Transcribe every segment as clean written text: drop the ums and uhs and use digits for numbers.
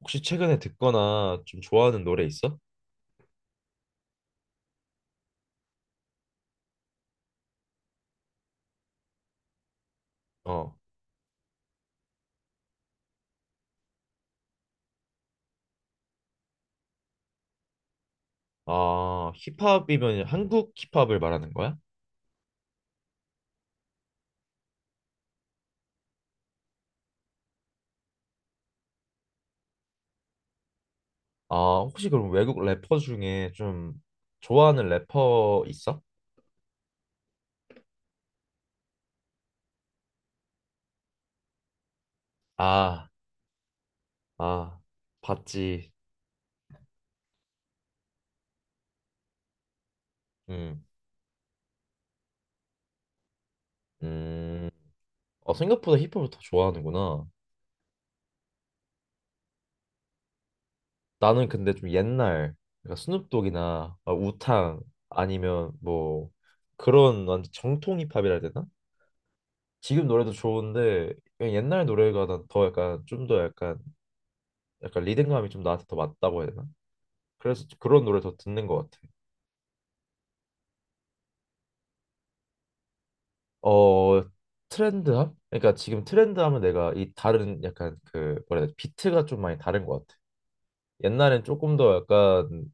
혹시 최근에 듣거나 좀 좋아하는 노래 있어? 어. 아, 힙합이면 한국 힙합을 말하는 거야? 아, 혹시 그럼 외국 래퍼 중에 좀 좋아하는 래퍼 있어? 아, 아, 봤지. 음, 음. 어, 생각보다 힙합을 더 좋아하는구나. 나는 근데 좀 옛날, 그러니까 스눕독이나 아, 우탕 아니면 뭐 그런 완전 정통 힙합이라 해야 되나? 지금 노래도 좋은데 그냥 옛날 노래가 난 더 약간 좀 더 약간 약간 리듬감이 좀 나한테 더 맞다고 해야 되나? 그래서 그런 노래 더 듣는 것 같아. 어, 트렌드함? 그러니까 지금 트렌드함은 내가 이 다른 약간 그 뭐라 해야 되지? 비트가 좀 많이 다른 것 같아. 옛날엔 조금 더 약간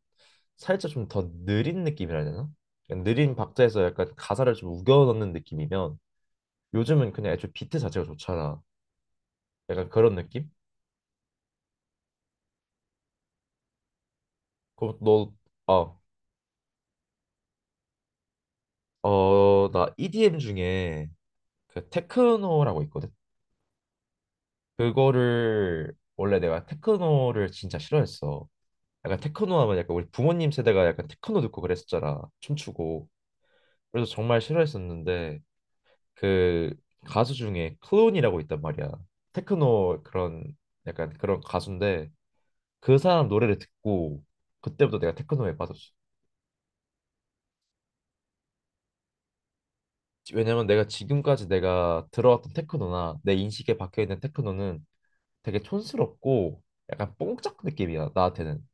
살짝 좀 더 느린 느낌이라 해야 되나? 그냥 느린 박자에서 약간 가사를 좀 우겨 넣는 느낌이면 요즘은 그냥 애초에 비트 자체가 좋잖아. 약간 그런 느낌? 그럼 너 아, 어, 나 EDM 중에 그 테크노라고 있거든. 그거를 원래 내가 테크노를 진짜 싫어했어. 약간 테크노 하면 약간 우리 부모님 세대가 약간 테크노 듣고 그랬었잖아. 춤추고. 그래서 정말 싫어했었는데 그 가수 중에 클론이라고 있단 말이야. 테크노 그런 약간 그런 가수인데 그 사람 노래를 듣고 그때부터 내가 테크노에 빠졌어. 왜냐면 내가 지금까지 내가 들어왔던 테크노나 내 인식에 박혀 있는 테크노는 되게 촌스럽고 약간 뽕짝 느낌이야 나한테는.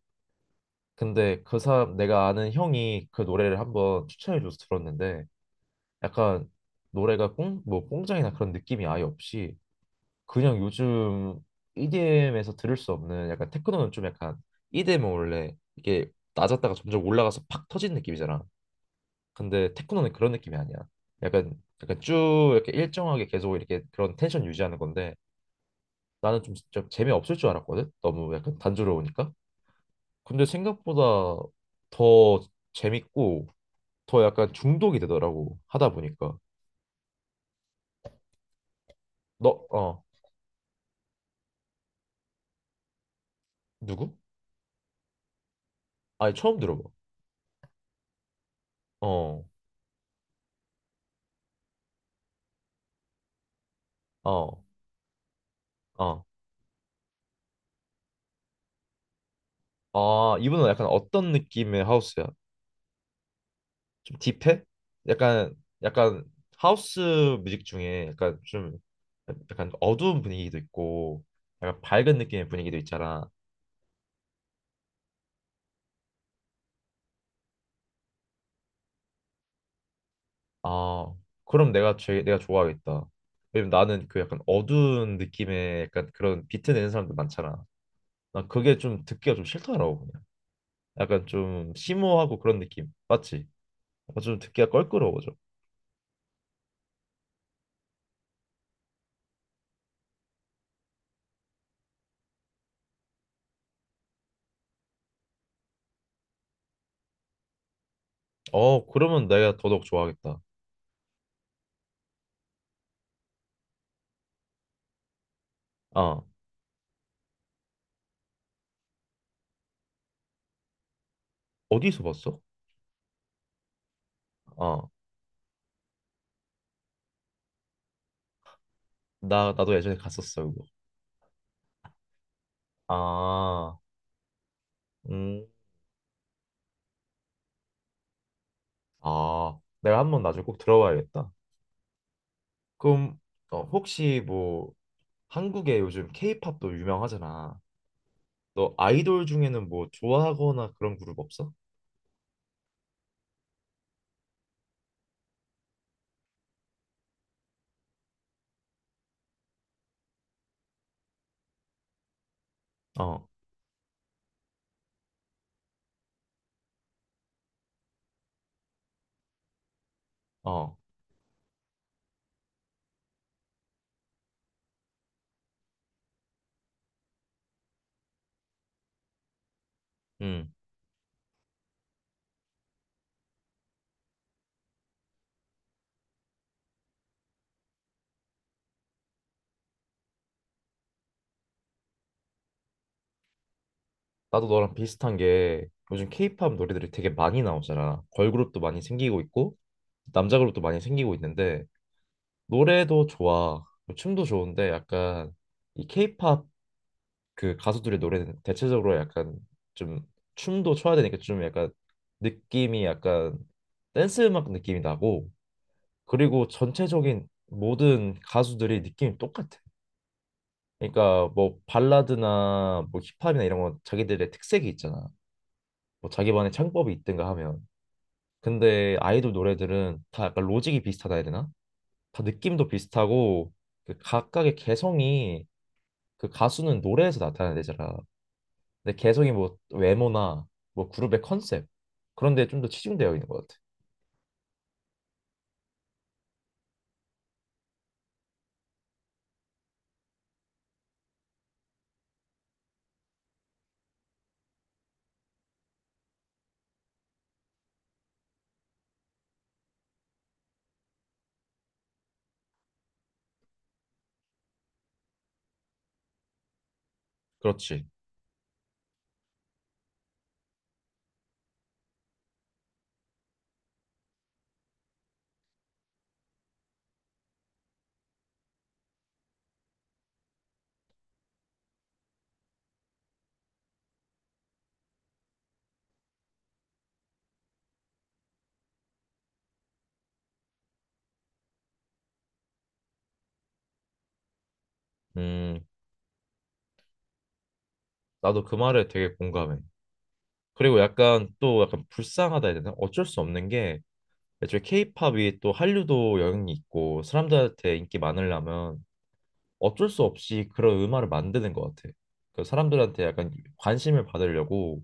근데 그 사람 내가 아는 형이 그 노래를 한번 추천해줘서 들었는데 약간 노래가 꽁, 뭐 꽁장이나 그런 느낌이 아예 없이 그냥 요즘 EDM에서 들을 수 없는 약간 테크노는 좀 약간 EDM은 원래 이게 낮았다가 점점 올라가서 팍 터지는 느낌이잖아. 근데 테크노는 그런 느낌이 아니야. 약간 약간 쭉 이렇게 일정하게 계속 이렇게 그런 텐션 유지하는 건데 나는 좀 재미없을 줄 알았거든. 너무 약간 단조로우니까. 근데 생각보다 더 재밌고 더 약간 중독이 되더라고 하다 보니까 너 어 누구? 아니 처음 들어봐. 어. 어. 어. 아, 이분은 약간 어떤 느낌의 하우스야? 좀 딥해? 약간 약간 하우스 뮤직 중에 약간 좀 약간 어두운 분위기도 있고 약간 밝은 느낌의 분위기도 있잖아. 아, 그럼 내가 좋아하겠다. 왜냐면 나는 그 약간 어두운 느낌의 약간 그런 비트 내는 사람들 많잖아. 나 그게 좀 듣기가 좀 싫더라고. 약간 좀 심오하고 그런 느낌. 맞지? 어, 좀 듣기가 껄끄러워져. 어, 그러면 내가 더더욱 좋아하겠다. 아, 어디서 봤어? 아, 나도 예전에 갔었어, 그거. 아, 음, 아, 내가 한번 나중에 꼭 들어봐야겠다. 그럼, 어, 혹시 뭐, 한국에 요즘 케이팝도 유명하잖아. 너 아이돌 중에는 뭐 좋아하거나 그런 그룹 없어? 어, 어, 음. 나도 너랑 비슷한 게 요즘 케이팝 노래들이 되게 많이 나오잖아. 걸그룹도 많이 생기고 있고 남자 그룹도 많이 생기고 있는데 노래도 좋아. 뭐 춤도 좋은데 약간 이 케이팝 그 가수들의 노래는 대체적으로 약간 좀 춤도 춰야 되니까 좀 약간 느낌이 약간 댄스 음악 느낌이 나고 그리고 전체적인 모든 가수들이 느낌이 똑같아. 그러니까 뭐 발라드나 뭐 힙합이나 이런 건 자기들의 특색이 있잖아. 뭐 자기만의 창법이 있든가 하면. 근데 아이돌 노래들은 다 약간 로직이 비슷하다 해야 되나? 다 느낌도 비슷하고 그 각각의 개성이 그 가수는 노래에서 나타내잖아. 근데 개성이 뭐 외모나 뭐 그룹의 컨셉 그런 데 좀 더 치중되어 있는 것 같아. 그렇지. 음, 나도 그 말에 되게 공감해. 그리고 약간 또 약간 불쌍하다 해야 되나? 어쩔 수 없는 게 애초에 케이팝이 또 한류도 영향이 있고 사람들한테 인기 많으려면 어쩔 수 없이 그런 음악을 만드는 것 같아. 그 사람들한테 약간 관심을 받으려고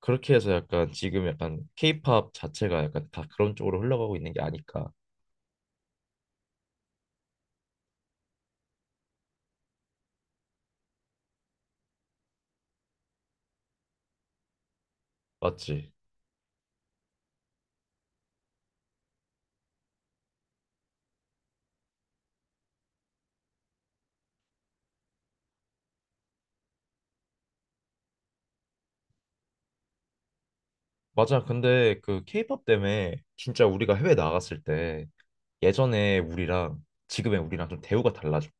그렇게 해서 약간 지금 약간 케이팝 자체가 약간 다 그런 쪽으로 흘러가고 있는 게 아닐까. 맞지? 맞아. 근데 그 케이팝 때문에 진짜 우리가 해외 나갔을 때 예전에 우리랑 지금의 우리랑 좀 대우가 달라져.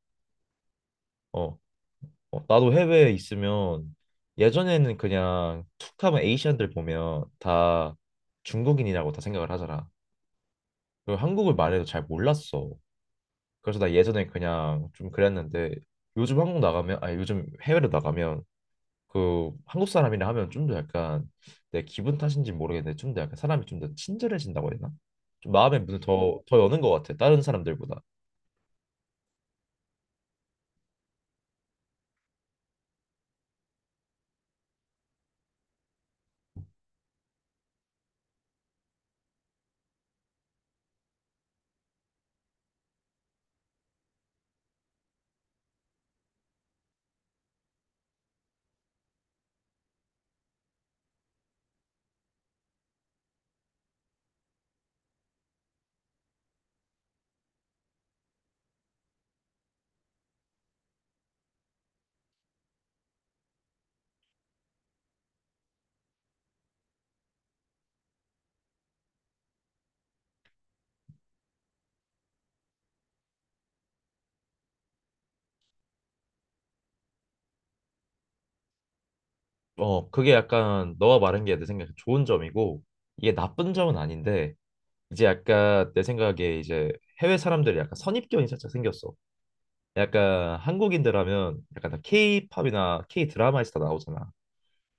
어, 어, 나도 해외에 있으면 예전에는 그냥 툭 하면 에이시안들 보면 다 중국인이라고 다 생각을 하잖아. 그 한국을 말해도 잘 몰랐어. 그래서 나 예전에 그냥 좀 그랬는데 요즘 한국 나가면 아니 요즘 해외로 나가면 그 한국 사람이라 하면 좀 더 약간 내 기분 탓인지 모르겠는데 좀 더 약간 사람이 좀 더 친절해진다고 해야 되나? 좀 마음의 문을 더 여는 것 같아 다른 사람들보다. 어, 그게 약간 너가 말한 게 내 생각에 좋은 점이고 이게 나쁜 점은 아닌데 이제 약간 내 생각에 이제 해외 사람들이 약간 선입견이 살짝 생겼어. 약간 한국인들 하면 약간 다 K-팝이나 K-드라마에서 다 나오잖아.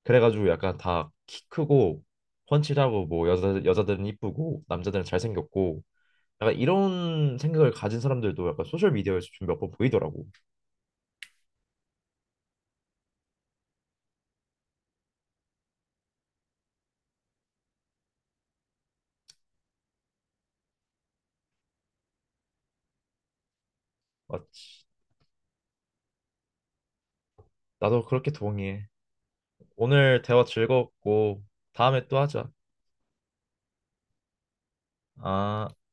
그래가지고 약간 다 키 크고 훤칠하고 뭐 여자들은 이쁘고 남자들은 잘생겼고 약간 이런 생각을 가진 사람들도 약간 소셜 미디어에서 좀 몇 번 보이더라고. 아, 나도 그렇게 동의해. 오늘 대화 즐거웠고 다음에 또 하자. 아.